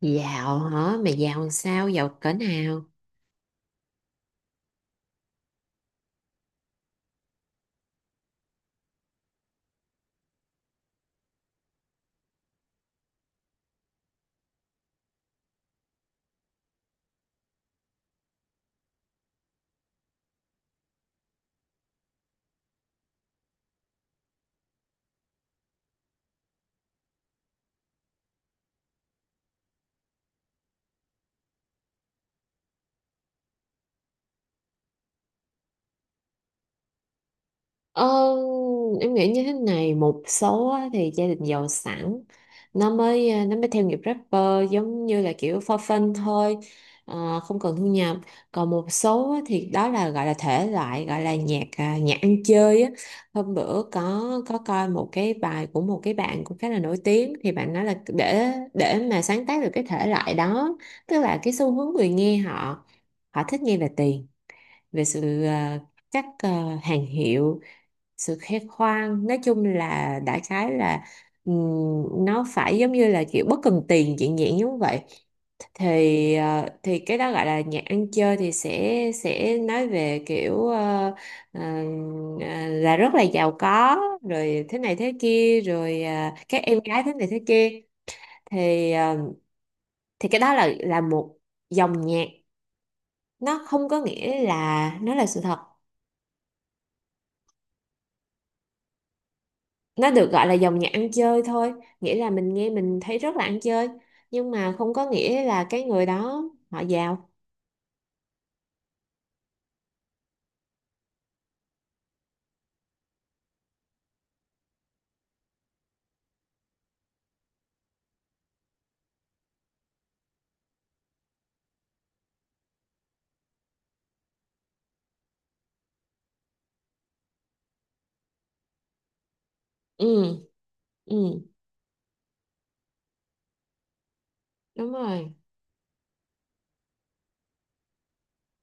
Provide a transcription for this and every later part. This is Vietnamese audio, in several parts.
Dạo hả? Mày dạo làm sao? Dạo cỡ nào? Ờ, em nghĩ như thế này: một số á, thì gia đình giàu sẵn, nó mới nó mới theo nghiệp rapper, giống như là kiểu for fun thôi, không cần thu nhập. Còn một số á, thì đó là gọi là thể loại, gọi là nhạc nhạc ăn chơi á. Hôm bữa có coi một cái bài của một cái bạn cũng khá là nổi tiếng, thì bạn nói là để mà sáng tác được cái thể loại đó, tức là cái xu hướng người nghe họ, họ thích nghe là tiền, về sự các hàng hiệu, sự khoe khoang, nói chung là đại khái là nó phải giống như là kiểu bất cần tiền, chuyện dạng giống vậy. Thì thì cái đó gọi là nhạc ăn chơi, thì sẽ nói về kiểu ờ, là rất là giàu có, rồi thế này thế kia, rồi à, các em gái thế này thế kia. Thì thì cái đó là một dòng nhạc, nó không có nghĩa là nó là sự thật. Nó được gọi là dòng nhạc ăn chơi thôi, nghĩa là mình nghe mình thấy rất là ăn chơi, nhưng mà không có nghĩa là cái người đó họ giàu. Ừ. Ừ. Đúng rồi.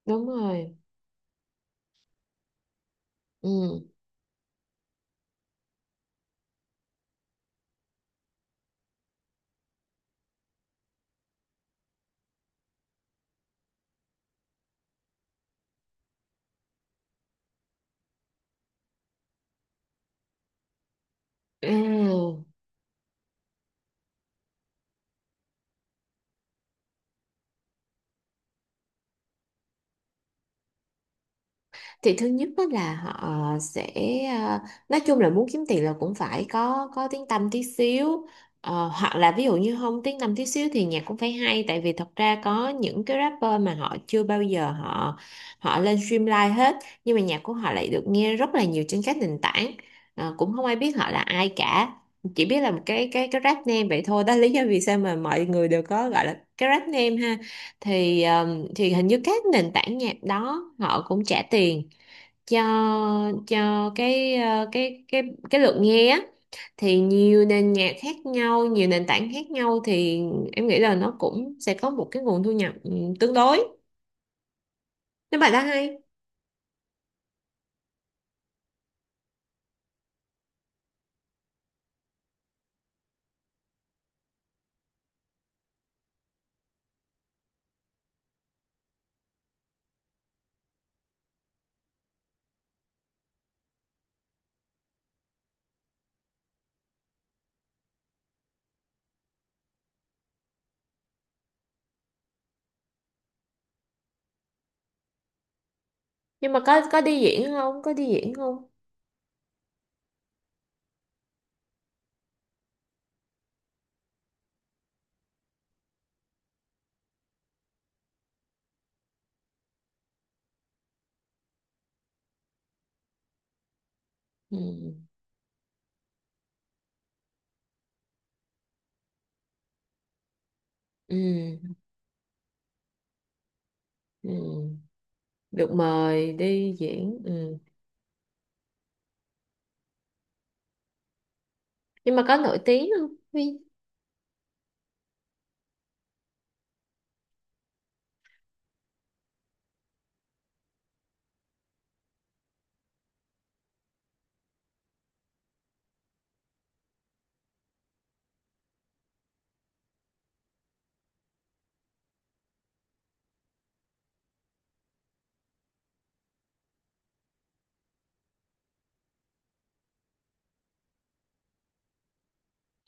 Đúng rồi. Ừ. À. Thì thứ nhất đó là họ sẽ à, nói chung là muốn kiếm tiền là cũng phải có tiếng tăm tí xíu. Ờ, hoặc là ví dụ như không tiếng tăm tí xíu thì nhạc cũng phải hay, tại vì thật ra có những cái rapper mà họ chưa bao giờ họ họ lên stream live hết, nhưng mà nhạc của họ lại được nghe rất là nhiều trên các nền tảng. Ờ, cũng không ai biết họ là ai cả, chỉ biết là một cái cái rap name vậy thôi. Đó là lý do vì sao mà mọi người đều có gọi là cái rap name ha. Thì thì hình như các nền tảng nhạc đó họ cũng trả tiền cho cho cái cái cái lượt nghe á. Thì nhiều nền nhạc khác nhau, nhiều nền tảng khác nhau, thì em nghĩ là nó cũng sẽ có một cái nguồn thu nhập tương đối, nếu mà đã hay. Nhưng mà có đi diễn không? Có đi diễn không? Ừ. Ừ. Ừ. Được mời đi diễn, ừ. Nhưng mà có nổi tiếng không Huy?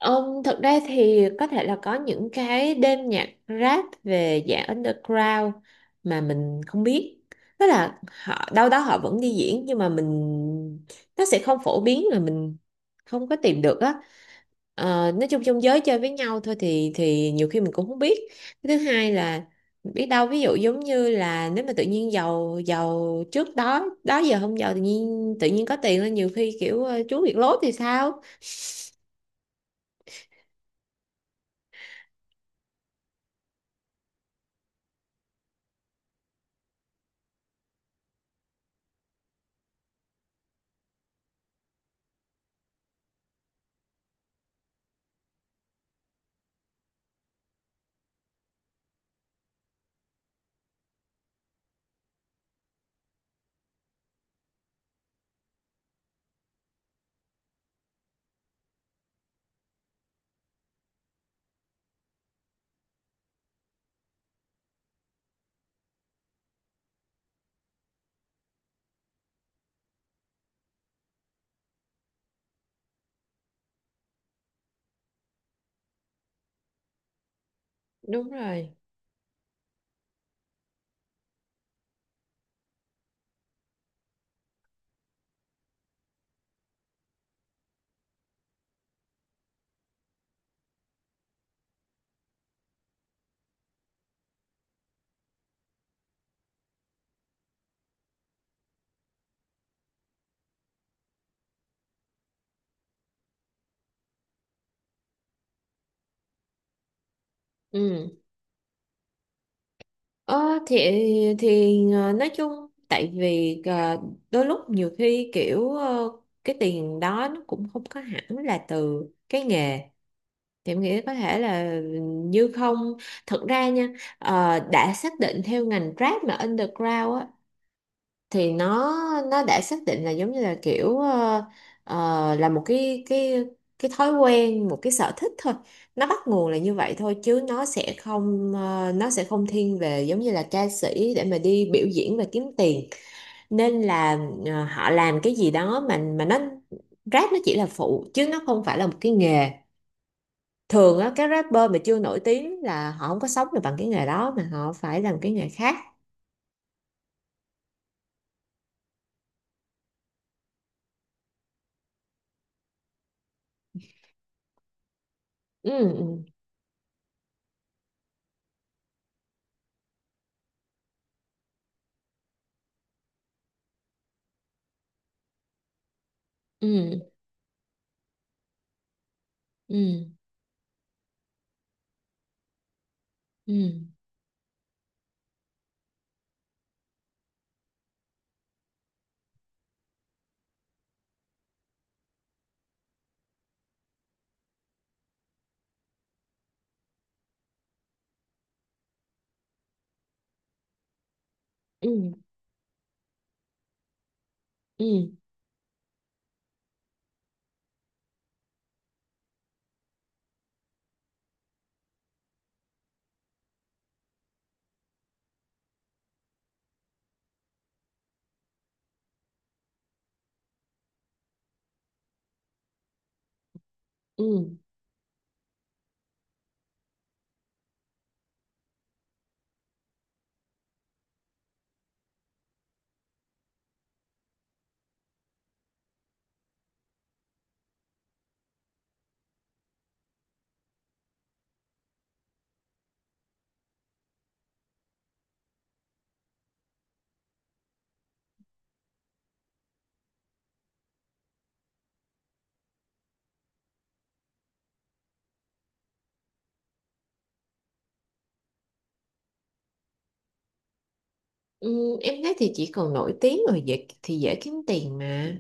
Ông thật ra thì có thể là có những cái đêm nhạc rap về dạng underground mà mình không biết. Tức là họ đâu đó họ vẫn đi diễn, nhưng mà mình, nó sẽ không phổ biến, là mình không có tìm được á. Ờ, nói chung trong giới chơi với nhau thôi, thì nhiều khi mình cũng không biết. Cái thứ hai là biết đâu ví dụ giống như là nếu mà tự nhiên giàu, giàu trước đó đó giờ không giàu, tự nhiên có tiền lên, nhiều khi kiểu trú việc lốt thì sao? Đúng rồi. Ừ. Ờ, thì nói chung, tại vì đôi lúc nhiều khi kiểu cái tiền đó nó cũng không có hẳn là từ cái nghề, thì em nghĩ có thể là như không. Thật ra nha, đã xác định theo ngành Grab mà underground á, thì nó đã xác định là giống như là kiểu là một cái cái thói quen, một cái sở thích thôi, nó bắt nguồn là như vậy thôi, chứ nó sẽ không nó sẽ không thiên về giống như là ca sĩ để mà đi biểu diễn và kiếm tiền. Nên là họ làm cái gì đó mà nó, rap nó chỉ là phụ chứ nó không phải là một cái nghề. Thường á các rapper mà chưa nổi tiếng là họ không có sống được bằng cái nghề đó, mà họ phải làm cái nghề khác. Ừ. Ừ. Ừ. Ừ. Ừ. Ừ. Ừ. Ừ. Ừ. Em thấy thì chỉ cần nổi tiếng rồi dễ, thì dễ kiếm tiền mà.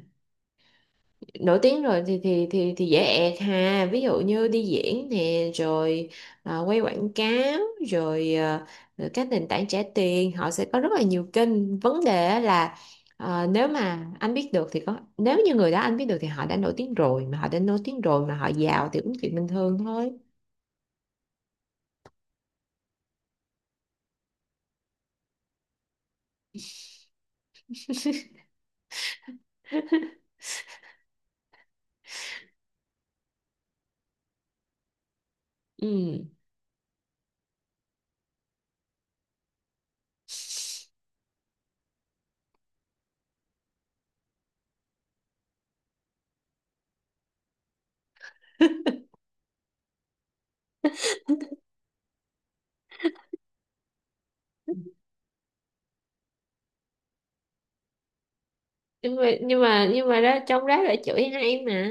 Nổi tiếng rồi thì thì dễ ẹt ha, ví dụ như đi diễn nè, rồi à, quay quảng cáo, rồi à, rồi các nền tảng trả tiền, họ sẽ có rất là nhiều kênh vấn đề á, là à, nếu mà anh biết được thì có, nếu như người đó anh biết được thì họ đã nổi tiếng rồi, mà họ đã nổi tiếng rồi mà họ giàu thì cũng chuyện bình thường thôi. Ừ. Nhưng mà đó, trong đó là chửi hay mà.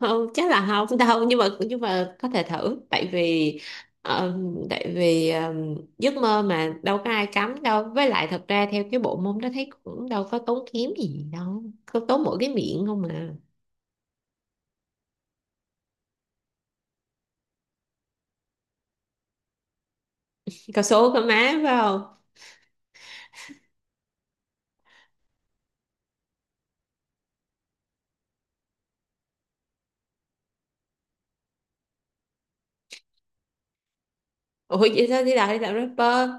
Không, chắc là không. Đâu, nhưng mà có thể thử. Tại vì ờ, tại vì giấc mơ mà đâu có ai cấm đâu, với lại thật ra theo cái bộ môn đó thấy cũng đâu có tốn kém gì, đâu có tốn, mỗi cái miệng không mà. Có số có má phải không? Ủa vậy sao? Đi làm rapper?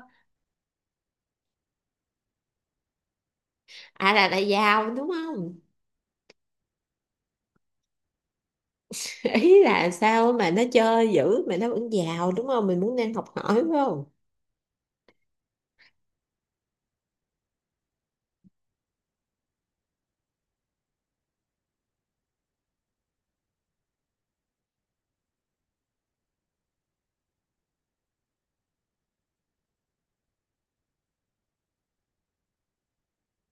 À là giàu đúng không? Ý là sao mà nó chơi dữ mà nó vẫn giàu đúng không, mình muốn nên học hỏi phải không?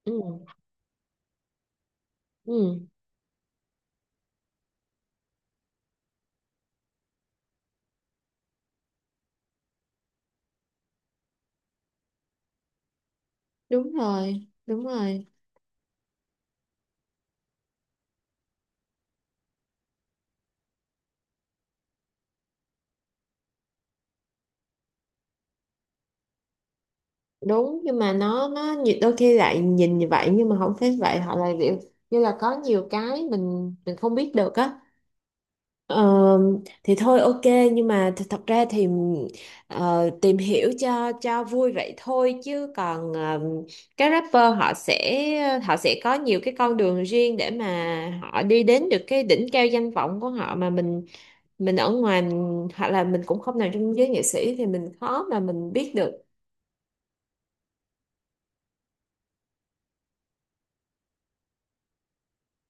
Ừ. Ừ. Đúng rồi. Đúng rồi. Đúng, nhưng mà nó nhiều- đôi khi lại nhìn như vậy nhưng mà không phải vậy, họ lại kiểu như là có nhiều cái mình không biết được á. Ờ, thì thôi ok. Nhưng mà thật ra thì tìm hiểu cho vui vậy thôi, chứ còn các rapper họ sẽ có nhiều cái con đường riêng để mà họ đi đến được cái đỉnh cao danh vọng của họ, mà mình ở ngoài mình- hoặc là mình cũng không nằm trong giới nghệ sĩ thì mình khó mà mình biết được.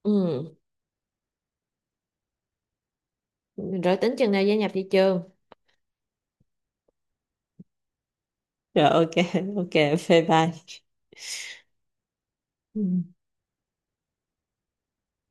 Ừ. Rồi tính chừng nào gia nhập thị trường? Rồi ok, ok, bye bye. Ừ.